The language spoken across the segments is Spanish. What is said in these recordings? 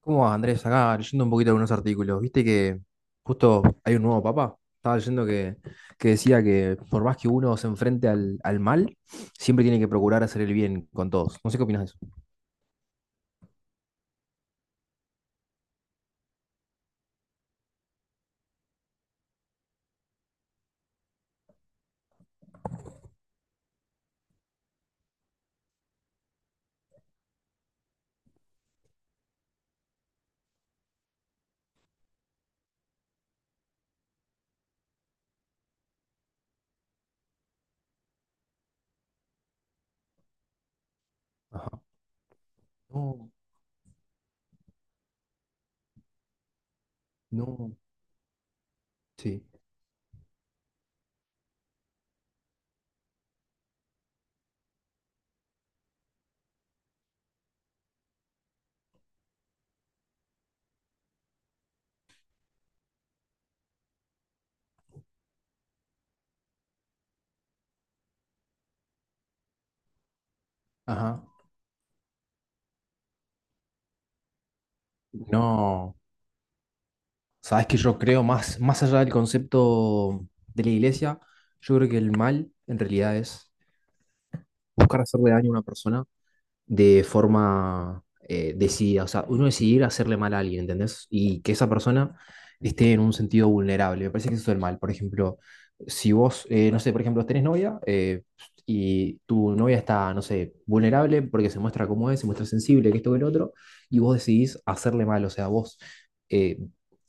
¿Cómo va, Andrés? Acá leyendo un poquito algunos artículos. Viste que justo hay un nuevo papa. Estaba leyendo que decía que por más que uno se enfrente al mal, siempre tiene que procurar hacer el bien con todos. No sé qué opinas de eso. Ajá. No, no, sí. Ajá. No. Sabes que yo creo más, más allá del concepto de la iglesia, yo creo que el mal en realidad es buscar hacerle daño a una persona de forma decidida. O sea, uno decidir hacerle mal a alguien, ¿entendés? Y que esa persona esté en un sentido vulnerable. Me parece que eso es el mal. Por ejemplo, si vos, no sé, por ejemplo, tenés novia y tu novia está, no sé, vulnerable porque se muestra como es, se muestra sensible, que esto, que el otro, y vos decidís hacerle mal. O sea, vos, eh,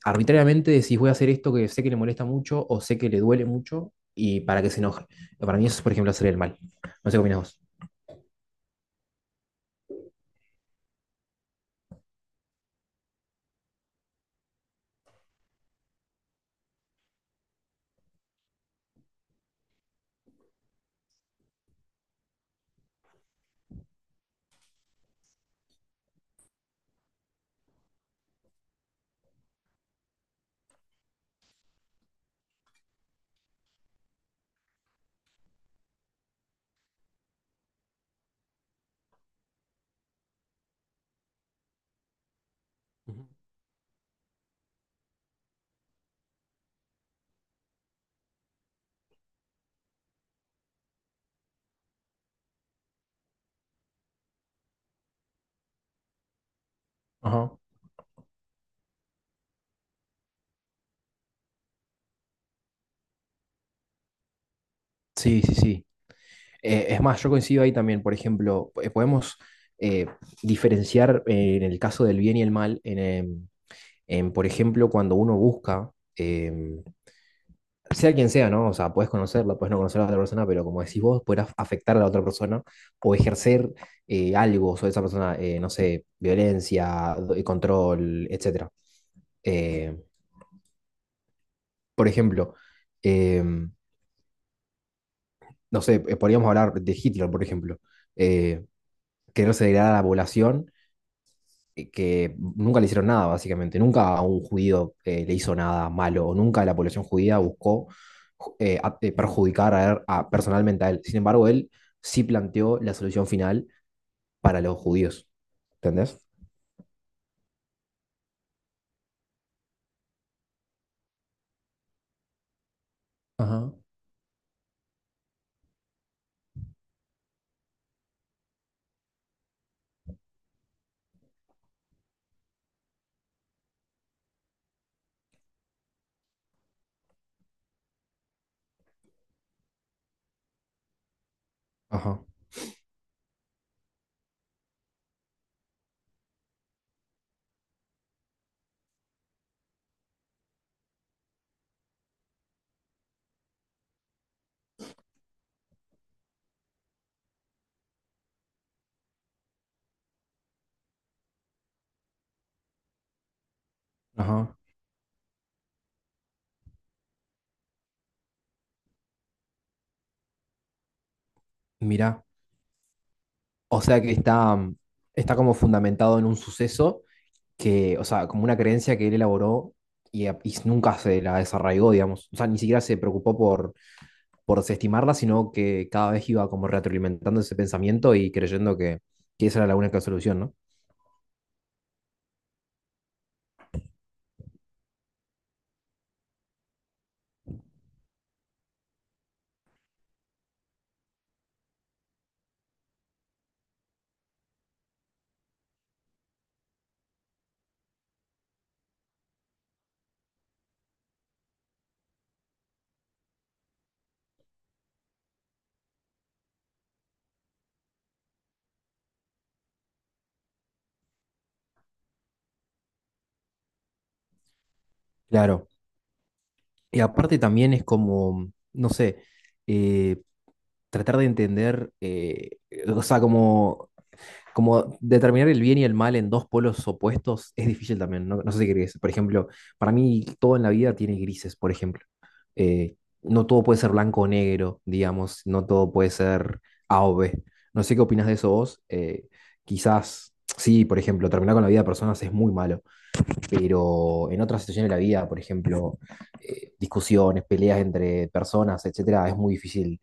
arbitrariamente decís voy a hacer esto que sé que le molesta mucho o sé que le duele mucho y para que se enoje. Para mí eso es, por ejemplo, hacer el mal. No sé qué opinas vos. Ujú. Ajá. Sí, sí, sí. Es más, yo coincido ahí también, por ejemplo, podemos eh, diferenciar en el caso del bien y el mal, en, por ejemplo, cuando uno busca, em, sea quien sea, ¿no? O sea, puedes conocerla, puedes no conocer a la otra persona, pero como decís vos, puedes afectar a la otra persona o ejercer algo sobre esa persona, no sé, violencia, control, etcétera. Eh, por ejemplo, em, no sé, podríamos hablar de Hitler, por ejemplo. eh, Quererse degradar a la población que nunca le hicieron nada, básicamente. Nunca a un judío le hizo nada malo, o nunca la población judía buscó perjudicar personalmente a él. Sin embargo, él sí planteó la solución final para los judíos. ¿Entendés? Ajá, ajá, ajá. Mira, o sea que está como fundamentado en un suceso que, o sea, como una creencia que él elaboró y nunca se la desarraigó, digamos. O sea, ni siquiera se preocupó por desestimarla, sino que cada vez iba como retroalimentando ese pensamiento y creyendo que esa era la única solución, ¿no? Claro. Y aparte también es como, no sé, eh, tratar de entender, o sea, como determinar el bien y el mal en dos polos opuestos es difícil también, ¿no? No sé si crees. Por ejemplo, para mí todo en la vida tiene grises, por ejemplo. eh, no todo puede ser blanco o negro, digamos, no todo puede ser A o B. No sé qué opinas de eso vos. Quizás, sí, por ejemplo, terminar con la vida de personas es muy malo, pero en otras situaciones de la vida, por ejemplo, discusiones, peleas entre personas, etcétera, es muy difícil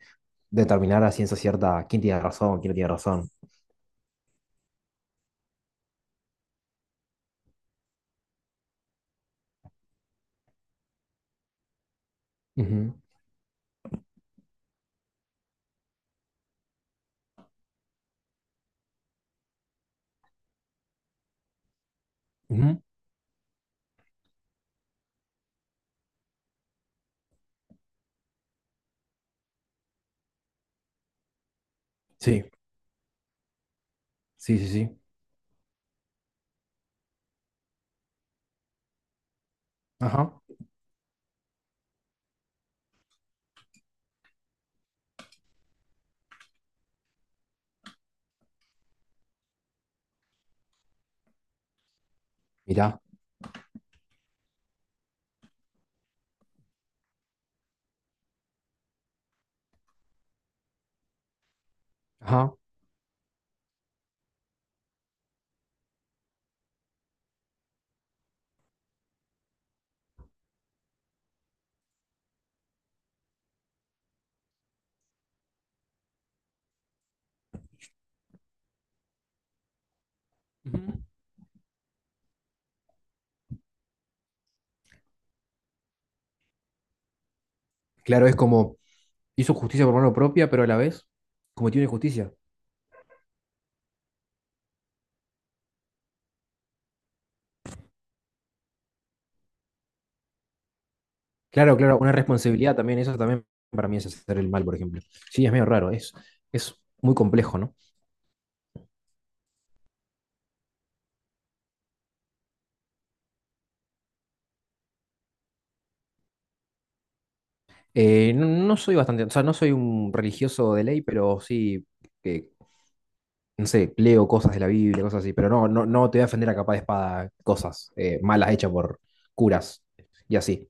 determinar a ciencia cierta quién tiene razón, quién no tiene razón. Ujú, ujú. Sí, sí, sí, sí. Ajá. Mirá. Ajá. Ujú. Claro, es como hizo justicia por mano propia, pero a la vez cometió una injusticia. Claro, claro, una responsabilidad también, eso también para mí es hacer el mal, por ejemplo. Sí, es medio raro, es muy complejo, ¿no? No, no soy bastante, o sea, no soy un religioso de ley, pero sí, que, no sé, leo cosas de la Biblia, cosas así, pero no, no, no te voy a defender a capa de espada cosas malas hechas por curas y así.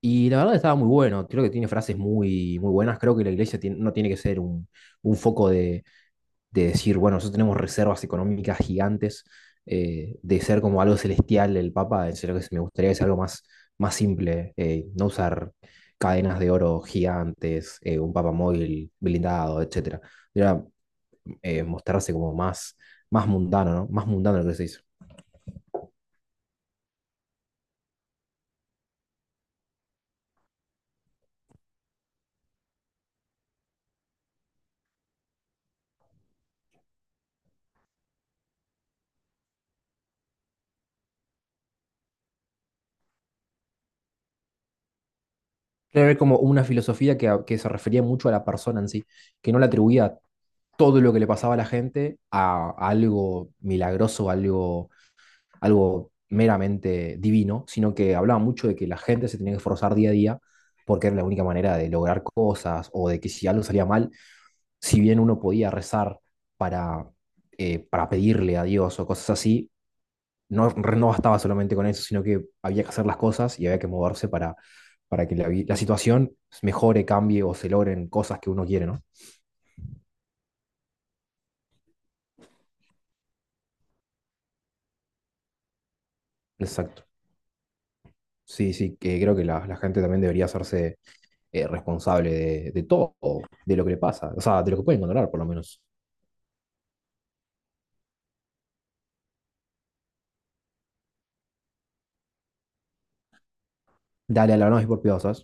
Y la verdad estaba muy bueno, creo que tiene frases muy, muy buenas, creo que la iglesia no tiene que ser un foco de decir, bueno, nosotros tenemos reservas económicas gigantes, de ser como algo celestial el Papa, en serio que sí, me gustaría que sea algo más, más simple, no usar cadenas de oro gigantes, un Papa móvil blindado, etcétera. Era mostrarse como más, más mundano, ¿no? Más mundano lo que se hizo. Era como una filosofía que se refería mucho a la persona en sí, que no le atribuía todo lo que le pasaba a la gente a algo milagroso, algo meramente divino, sino que hablaba mucho de que la gente se tenía que esforzar día a día porque era la única manera de lograr cosas o de que si algo salía mal, si bien uno podía rezar para, para pedirle a Dios o cosas así, no, no bastaba solamente con eso, sino que había que hacer las cosas y había que moverse para que la situación mejore, cambie o se logren cosas que uno quiere, ¿no? Exacto. Sí, sí, que creo que la gente también debería hacerse responsable de todo, de lo que le pasa, o sea, de lo que pueden controlar, por lo menos. Dale a la y por piadosas